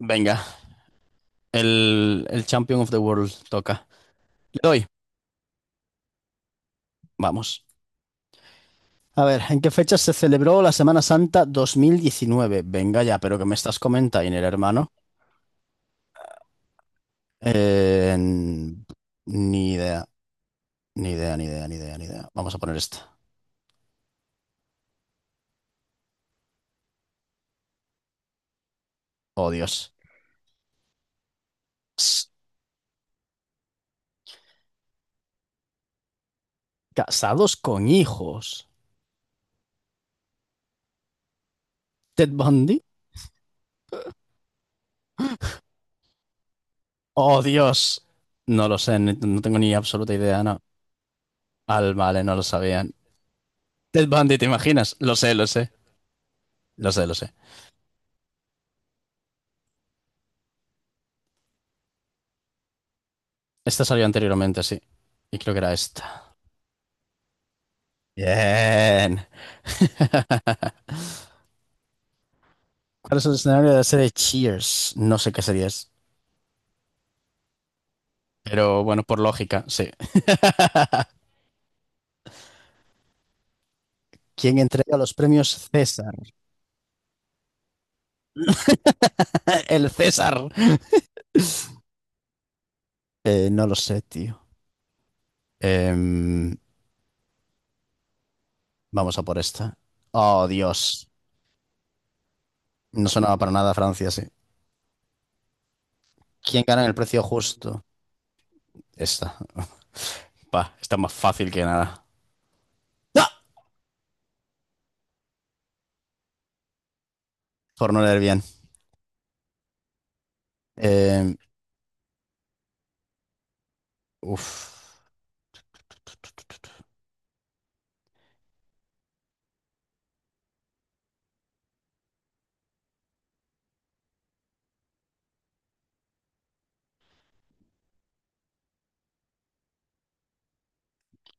Venga, el Champion of the World toca. Le doy. Vamos. A ver, ¿en qué fecha se celebró la Semana Santa 2019? Venga ya, ¿pero que me estás comentando, hermano? Eh, ni idea, ni idea, ni idea, ni idea, ni idea. Vamos a poner esta. Oh, Dios. Ps, Casados con hijos. ¿Ted Bundy? Oh, Dios. No lo sé, no tengo ni absoluta idea, no. Al, vale, no lo sabían. Ted Bundy, ¿te imaginas? Lo sé, lo sé. Lo sé, lo sé. Esta salió anteriormente, sí. Y creo que era esta. Bien. ¿Cuál es el escenario de la serie Cheers? No sé qué serie es. Pero bueno, por lógica, sí. ¿Quién entrega los premios César? El César. No lo sé, tío. Em, vamos a por esta. Oh, Dios. No sonaba para nada Francia, sí. ¿Quién gana en el precio justo? Esta. Pa, está más fácil que nada. ¡Ah! Por no leer bien. Em, uf.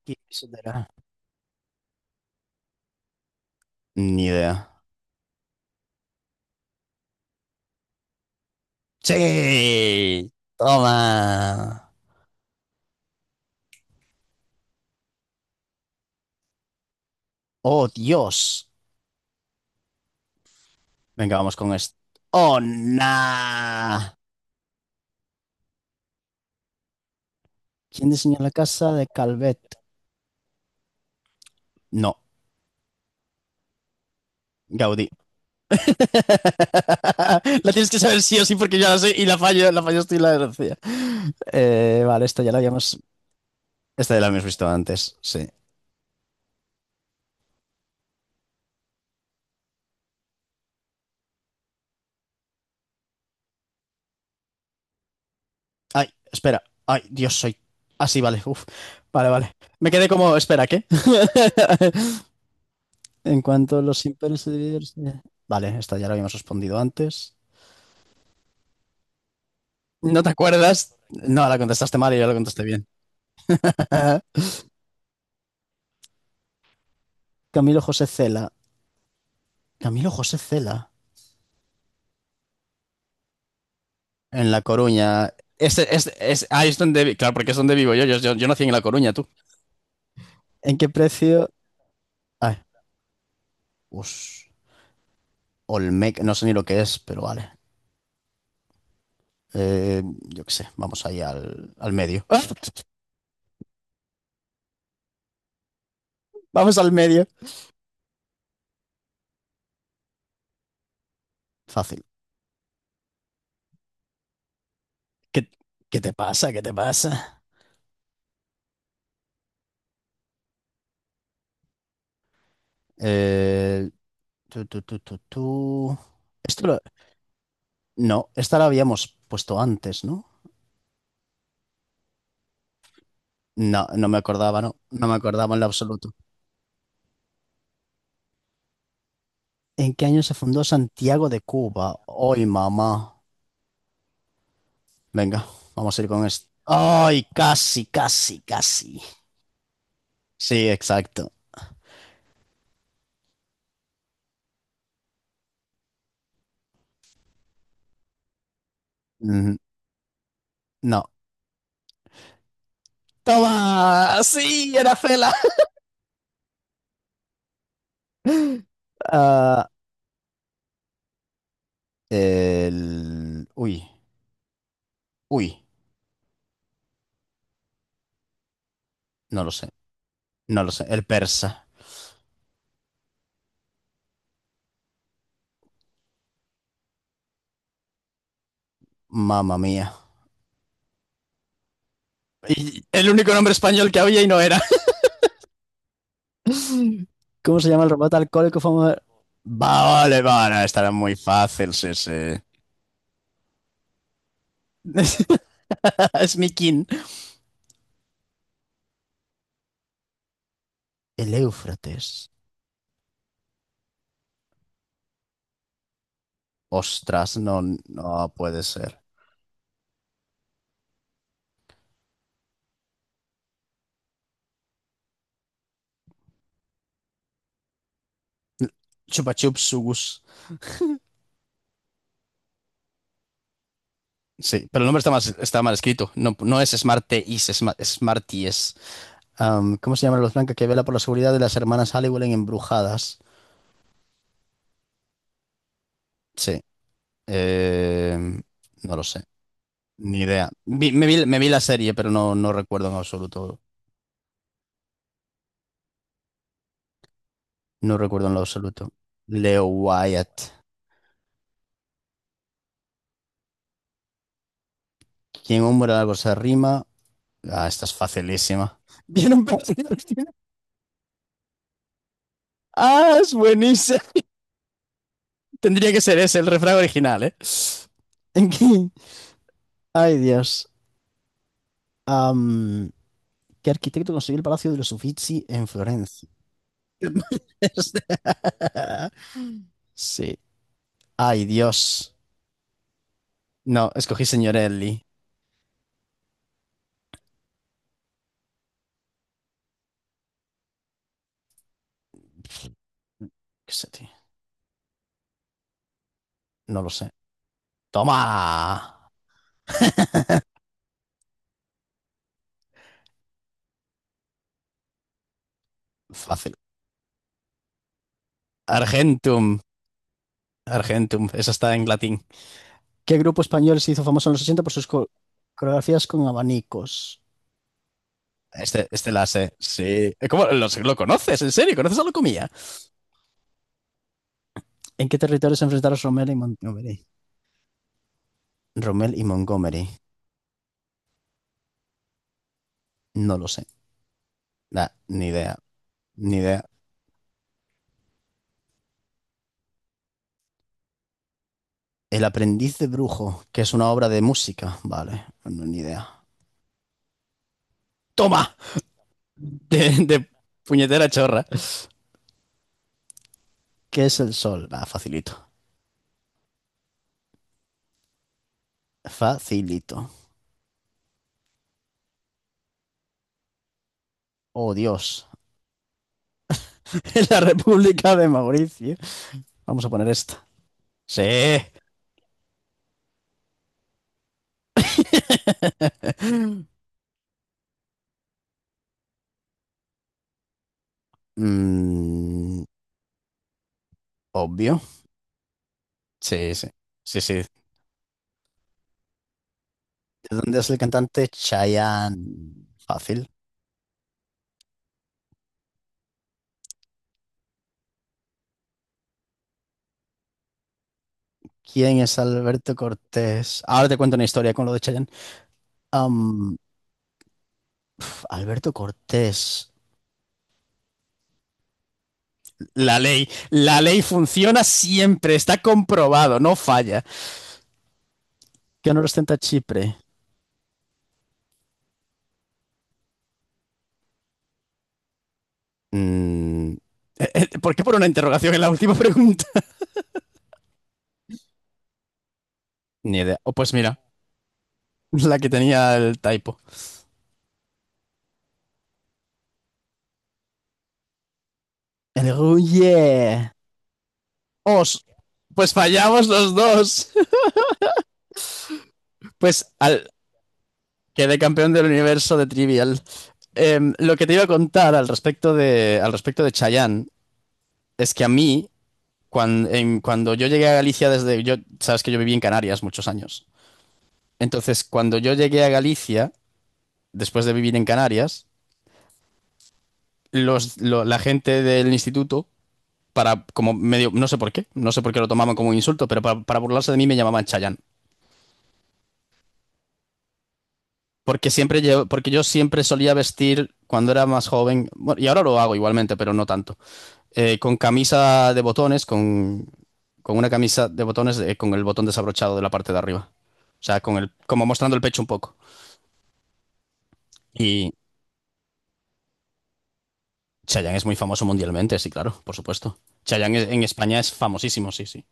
¿Quién será? Ni idea. Sí, toma. Oh, Dios. Venga, vamos con esto. Oh, nah. ¿Quién diseñó la casa de Calvet? No, Gaudí. La tienes que saber sí o sí porque ya la sé y la fallo, la fallo, estoy la desgracia. Vale, esta ya la habíamos... Esta ya la habíamos visto antes, sí. Ay, espera. Ay, Dios, soy... Ah, sí, vale. Uf. Vale, vale. Me quedé como... Espera, ¿qué? En cuanto a los imperios se dividen... Vale, esta ya la habíamos respondido antes. ¿No te acuerdas? No, la contestaste mal y yo la contesté bien. Camilo José Cela. Camilo José Cela. En La Coruña. Es, ahí es donde... Claro, porque es donde vivo yo. Yo nací en La Coruña, tú. ¿En qué precio? Ay, us, Olmec. No sé ni lo que es, pero vale. Eh, yo qué sé. Vamos ahí al medio. Vamos al medio. Fácil. ¿Qué, qué te pasa? ¿Qué te pasa? Eh, tú. Esto lo- No, esta la habíamos puesto antes, ¿no? No, no me acordaba, no. No me acordaba en lo absoluto. ¿En qué año se fundó Santiago de Cuba? Hoy, mamá. Venga, vamos a ir con esto. ¡Ay, casi, casi, casi! Sí, exacto. Mm, no. ¡Toma! ¡Sí, era Fela! Ah, el... uy, no lo sé, no lo sé. El persa. Mamma mía. Y el único nombre español que había y no era. ¿Cómo se llama el robot alcohólico famoso? Vale, vale, estará muy fácil, sí, sí. Es mi El Éufrates. Ostras, no, no puede ser. Chupa chup sugus. Sí, pero el nombre está mal escrito. No, no es Smarties, es Smarties. Am, ¿cómo se llama la luz blanca que vela por la seguridad de las hermanas Halliwell en Embrujadas? Sí. eh, no lo sé. Ni idea. Me vi la serie, pero no, no recuerdo en absoluto. No recuerdo en lo absoluto. Leo Wyatt. ¿Quién hombre algo se arrima? Ah, esta es facilísima. Bien, Ah, es buenísima. Tendría que ser ese, el refrán original, ¿eh? ¿En qué? Ay, Dios. Am, ¿qué arquitecto construyó el Palacio de los Uffizi en Florencia? Sí. Ay, Dios. No, escogí señor Ellie. ¿Qué sé, tío? No lo sé. ¡Toma! Fácil. Argentum. Argentum. Esa está en latín. ¿Qué grupo español se hizo famoso en los 80 por sus coreografías con abanicos? Este la sé. Sí. ¿Cómo lo conoces? ¿En serio? ¿Conoces a Locomía? ¿En qué territorio se enfrentaron Rommel y Montgomery? Rommel y Montgomery. No lo sé. Nah, ni idea. Ni idea. El aprendiz de brujo, que es una obra de música. Vale. No, ni idea. ¡Toma! De puñetera chorra. ¿Qué es el sol? Va, facilito. Facilito. Oh, Dios. En la República de Mauricio. Vamos a poner esta. Sí. Mm, obvio. Sí, sí. Sí, sí. ¿De dónde es el cantante Chayanne? Fácil. ¿Quién es Alberto Cortés? Ahora te cuento una historia con lo de Chayanne. Am, uf, Alberto Cortés. La ley. La ley funciona siempre. Está comprobado. No falla. ¿Qué honor ostenta Chipre? Mm, ¿Por qué por una interrogación en la última pregunta? Ni idea. O pues mira, la que tenía el typo. El oh yeah. Os. Pues fallamos los dos. Pues al, quedé campeón del universo de Trivial. Em, lo que te iba a contar al respecto de Chayanne es que a mí, cuando, cuando yo llegué a Galicia desde... Yo, sabes que yo viví en Canarias muchos años. Entonces, cuando yo llegué a Galicia, después de vivir en Canarias, la gente del instituto para como medio, no sé por qué, no sé por qué lo tomaban como un insulto, pero para burlarse de mí me llamaban Chayanne. Porque siempre yo, porque yo siempre solía vestir cuando era más joven, bueno, y ahora lo hago igualmente, pero no tanto, eh, con camisa de botones, con, con una camisa de botones con el botón desabrochado de la parte de arriba. O sea, como mostrando el pecho un poco. Y Chayanne es muy famoso mundialmente, sí, claro, por supuesto. Chayanne en España es famosísimo, sí, sí.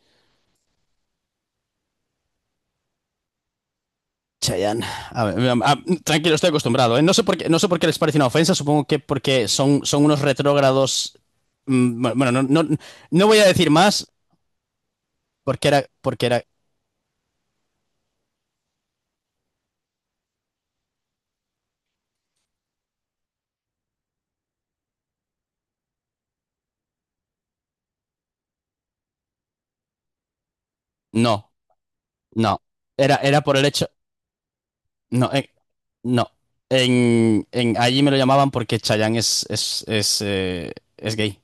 Chayanne. A ver, a- tranquilo, estoy acostumbrado, ¿eh? No sé por qué, no sé por qué les parece una ofensa. Supongo que porque son unos retrógrados. Bueno, bueno, no, no, no voy a decir más porque era, porque era. No, no. Era, era por el hecho. No, no. Allí me lo llamaban porque Chayanne es gay.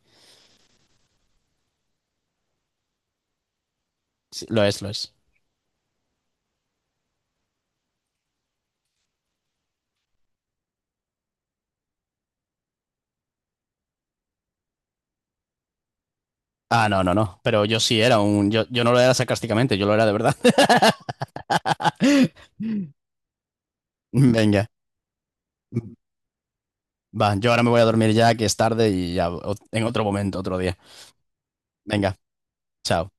Sí, lo es, lo es. Ah, no, no, no. Pero yo sí era un. Yo no lo era sarcásticamente, yo lo era de verdad. Venga. Va, yo ahora me voy a dormir ya, que es tarde y ya en otro momento, otro día. Venga, chao.